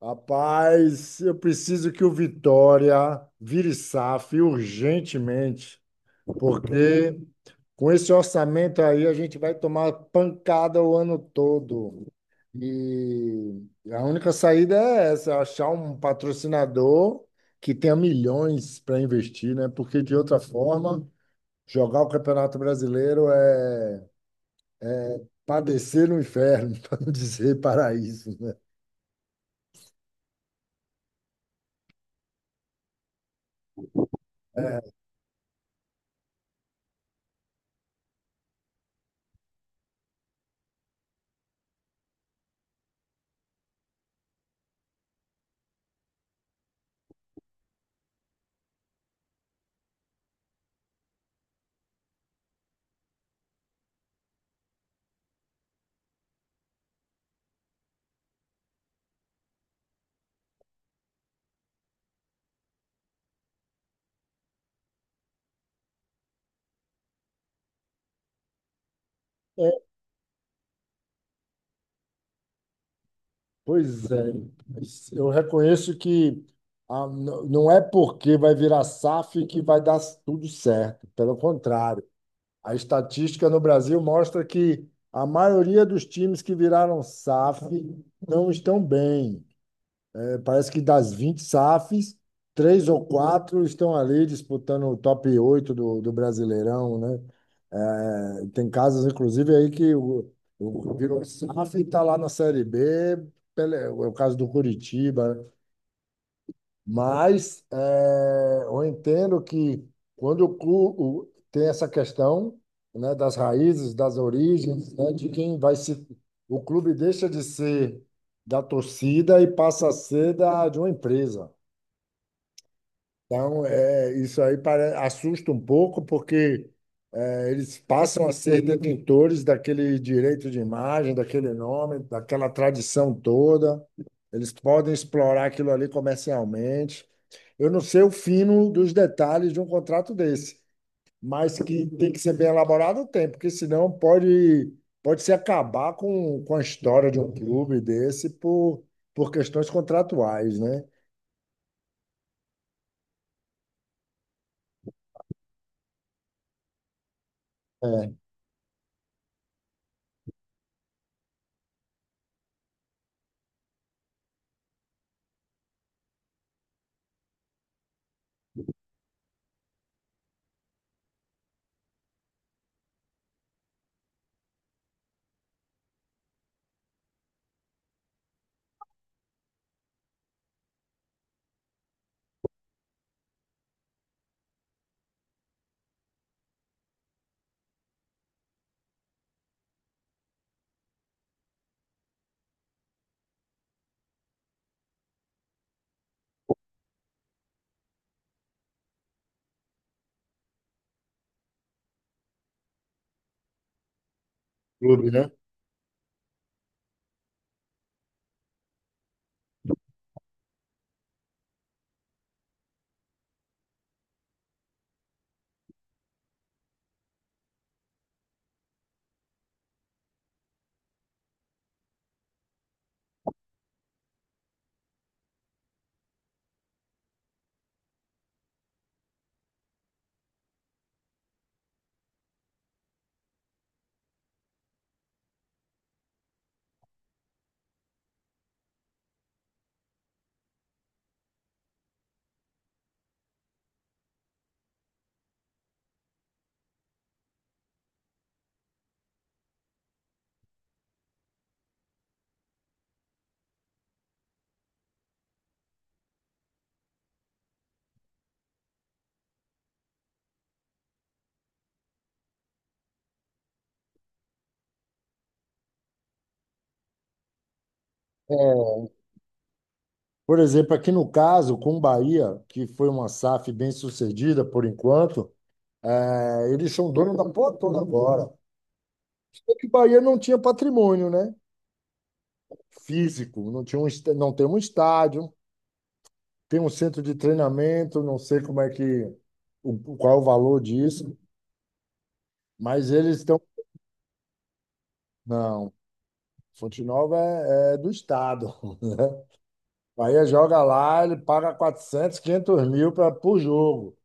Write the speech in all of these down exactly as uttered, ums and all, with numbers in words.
Rapaz, eu preciso que o Vitória vire SAF urgentemente, porque com esse orçamento aí a gente vai tomar pancada o ano todo. E a única saída é essa, achar um patrocinador que tenha milhões para investir, né? Porque de outra forma, jogar o Campeonato Brasileiro é padecer no inferno, para não dizer paraíso, né? Pois é, mas eu reconheço que ah, n- não é porque vai virar SAF que vai dar tudo certo. Pelo contrário, a estatística no Brasil mostra que a maioria dos times que viraram SAF não estão bem. Parece que das vinte SAFs, três ou quatro estão ali disputando o top oito do, do Brasileirão, né? É, tem casos, inclusive, aí que o, o virou SAF e está lá na Série B, pele- é o caso do Curitiba, né? Mas é, eu entendo que quando o, clu- o- tem essa questão, né, das raízes, das origens, né, de quem vai se. O clube deixa de ser da torcida e passa a ser da, de uma empresa. Então, é, isso aí pare- assusta um pouco, porque é, eles passam a ser detentores daquele direito de imagem, daquele nome, daquela tradição toda. Eles podem explorar aquilo ali comercialmente. Eu não sei o fino dos detalhes de um contrato desse, mas que tem que ser bem elaborado, tem, porque senão pode, pode se acabar com, com a história de um clube desse por, por questões contratuais, né? Clube, né? É. Por exemplo, aqui no caso, com o Bahia, que foi uma SAF bem sucedida por enquanto, é, eles são donos da porra toda agora. Porque o Bahia não tinha patrimônio, né? Físico, não tinha um, est- não tem um estádio, tem um centro de treinamento, não sei como é que, o- qual é o valor disso, mas eles estão. Não, Fonte Nova é, é do Estado. Bahia joga lá, ele paga quatrocentos quinhentos mil pra, por jogo.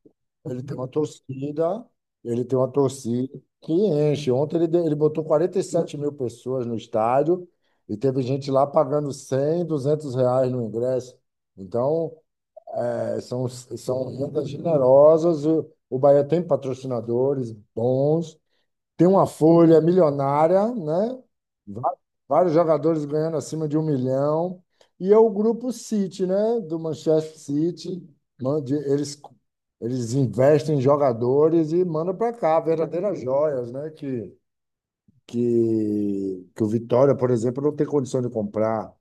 Ele tem uma torcida, ele tem uma torcida que enche. Ontem ele, deu- ele botou quarenta e sete mil pessoas no estádio e teve gente lá pagando cem, duzentos reais no ingresso. Então, é, são, são rendas generosas. O, o Bahia tem patrocinadores bons, tem uma folha milionária, né? Va- Vários jogadores ganhando acima de um milhão. E é o grupo City, né? Do Manchester City. Mande- Eles, eles investem em jogadores e mandam para cá verdadeiras joias, né? Que, que, que o Vitória, por exemplo, não tem condição de comprar.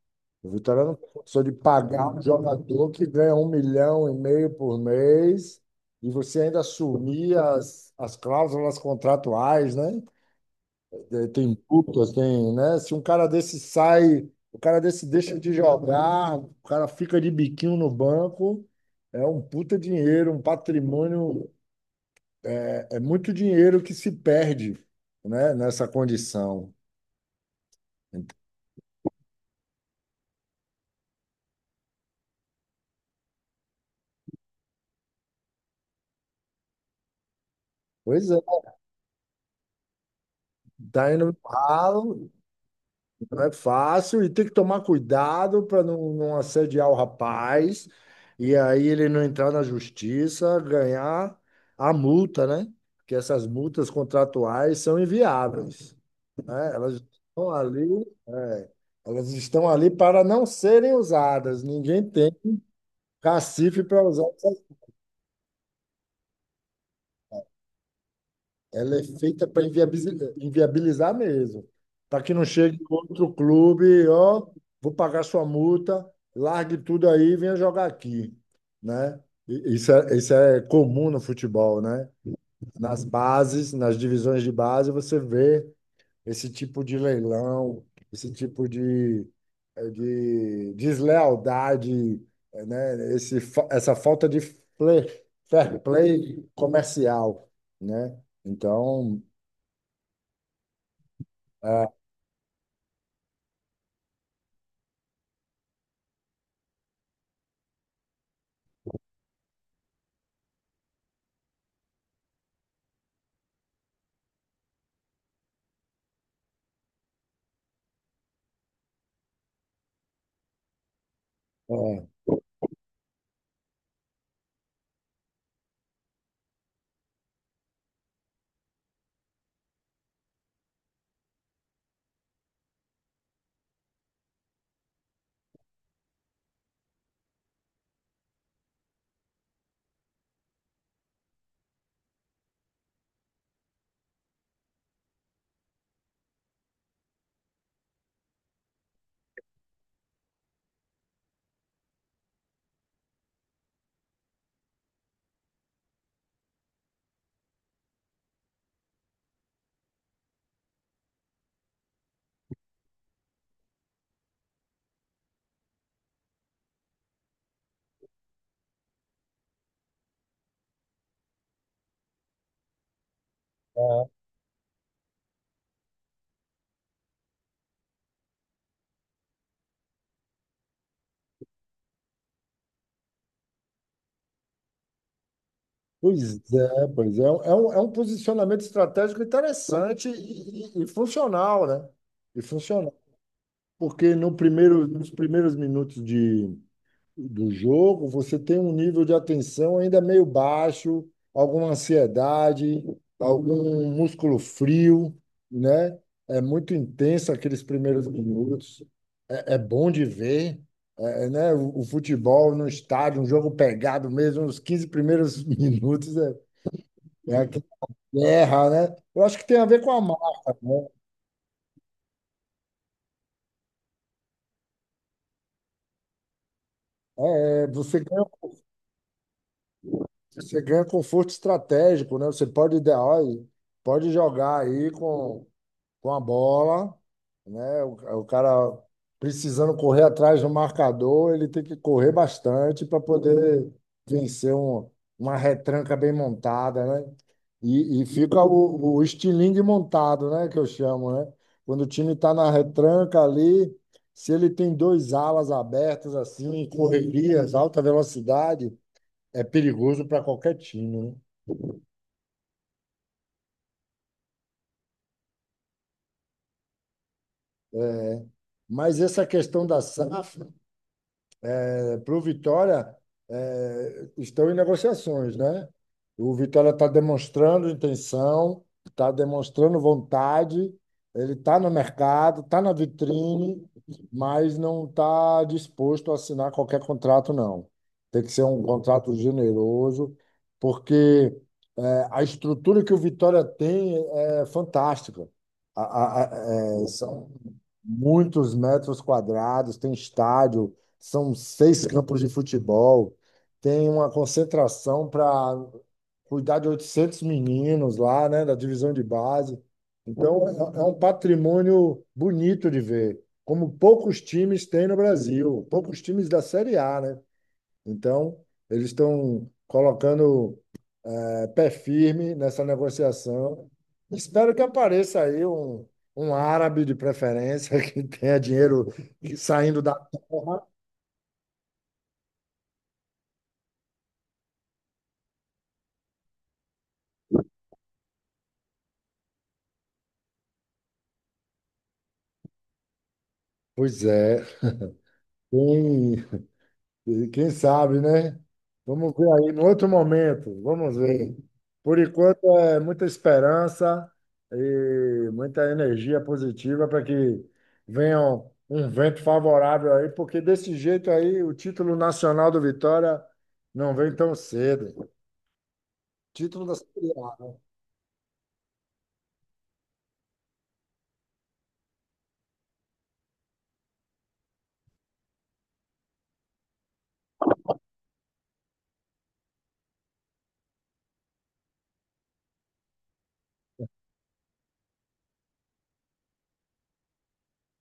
O Vitória não tem condição de pagar um jogador que ganha um milhão e meio por mês e você ainda assumir as, as cláusulas contratuais, né? Eh, Tem putas, tem, né? Se um cara desse sai, o cara desse deixa de jogar, o cara fica de biquinho no banco, é um puta dinheiro, um patrimônio, é, é muito dinheiro que se perde, né? Nessa condição. Pois é, tá indo no ralo, não é fácil, e tem que tomar cuidado para não, não assediar o rapaz, e aí ele não entrar na justiça, ganhar a multa, né? Porque essas multas contratuais são inviáveis, né? Elas estão ali, é, elas estão ali para não serem usadas. Ninguém tem cacife para usar. essa- Ela é feita para inviabilizar, inviabilizar mesmo, para que não chegue outro clube, ó, vou pagar sua multa, largue tudo aí e venha jogar aqui, né? E- Isso é, isso é comum no futebol, né? Nas bases, nas divisões de base, você vê esse tipo de leilão, esse tipo de, eh, de deslealdade, eh, né? Esse, fa- essa falta de fle- fair play comercial, né? Então, ah, ah, pois é, pois é, é um, é um é um posicionamento estratégico interessante e, e- e funcional, né? E funcional, porque no primeiro, nos primeiros minutos de do jogo, você tem um nível de atenção ainda meio baixo, alguma ansiedade, algum músculo frio, né? É muito intenso aqueles primeiros minutos. É é bom de ver, é, é, né? O, o futebol no estádio, um jogo pegado mesmo, os quinze primeiros minutos é, é aquela guerra, né? Eu acho que tem a ver com a marca, né? É, você ganha, você ganha conforto estratégico, né? Você pode, dar- olha, pode jogar aí com com a bola, né? O, o cara precisando correr atrás do marcador, ele tem que correr bastante para poder vencer um- uma retranca bem montada, né? E, e fica o, o estilingue montado, né? Que eu chamo, né? Quando o time está na retranca ali, se ele tem dois alas abertas assim, correrias, alta velocidade, é perigoso para qualquer time, né? É. Mas essa questão da SAF é, para o Vitória é, estão em negociações, né? O Vitória está demonstrando intenção, está demonstrando vontade, ele está no mercado, está na vitrine, mas não está disposto a assinar qualquer contrato, não. Tem que ser um contrato generoso, porque é, a estrutura que o Vitória tem é é fantástica. A- a- a- é, são muitos metros quadrados, tem estádio, são seis campos de futebol, tem uma concentração para cuidar de oitocentos meninos lá, né, da divisão de base. Então, é é um patrimônio bonito de ver, como poucos times têm no Brasil, poucos times da Série A, né? Então, eles estão colocando eh, pé firme nessa negociação. Espero que apareça aí um, um árabe de preferência que tenha dinheiro saindo da terra. Pois é, Quem, quem sabe, né? Vamos ver aí, no outro momento, vamos ver. Por enquanto, é muita esperança e muita energia positiva para que venha um um vento favorável aí, porque desse jeito aí o título nacional do Vitória não vem tão cedo. Título da Série A.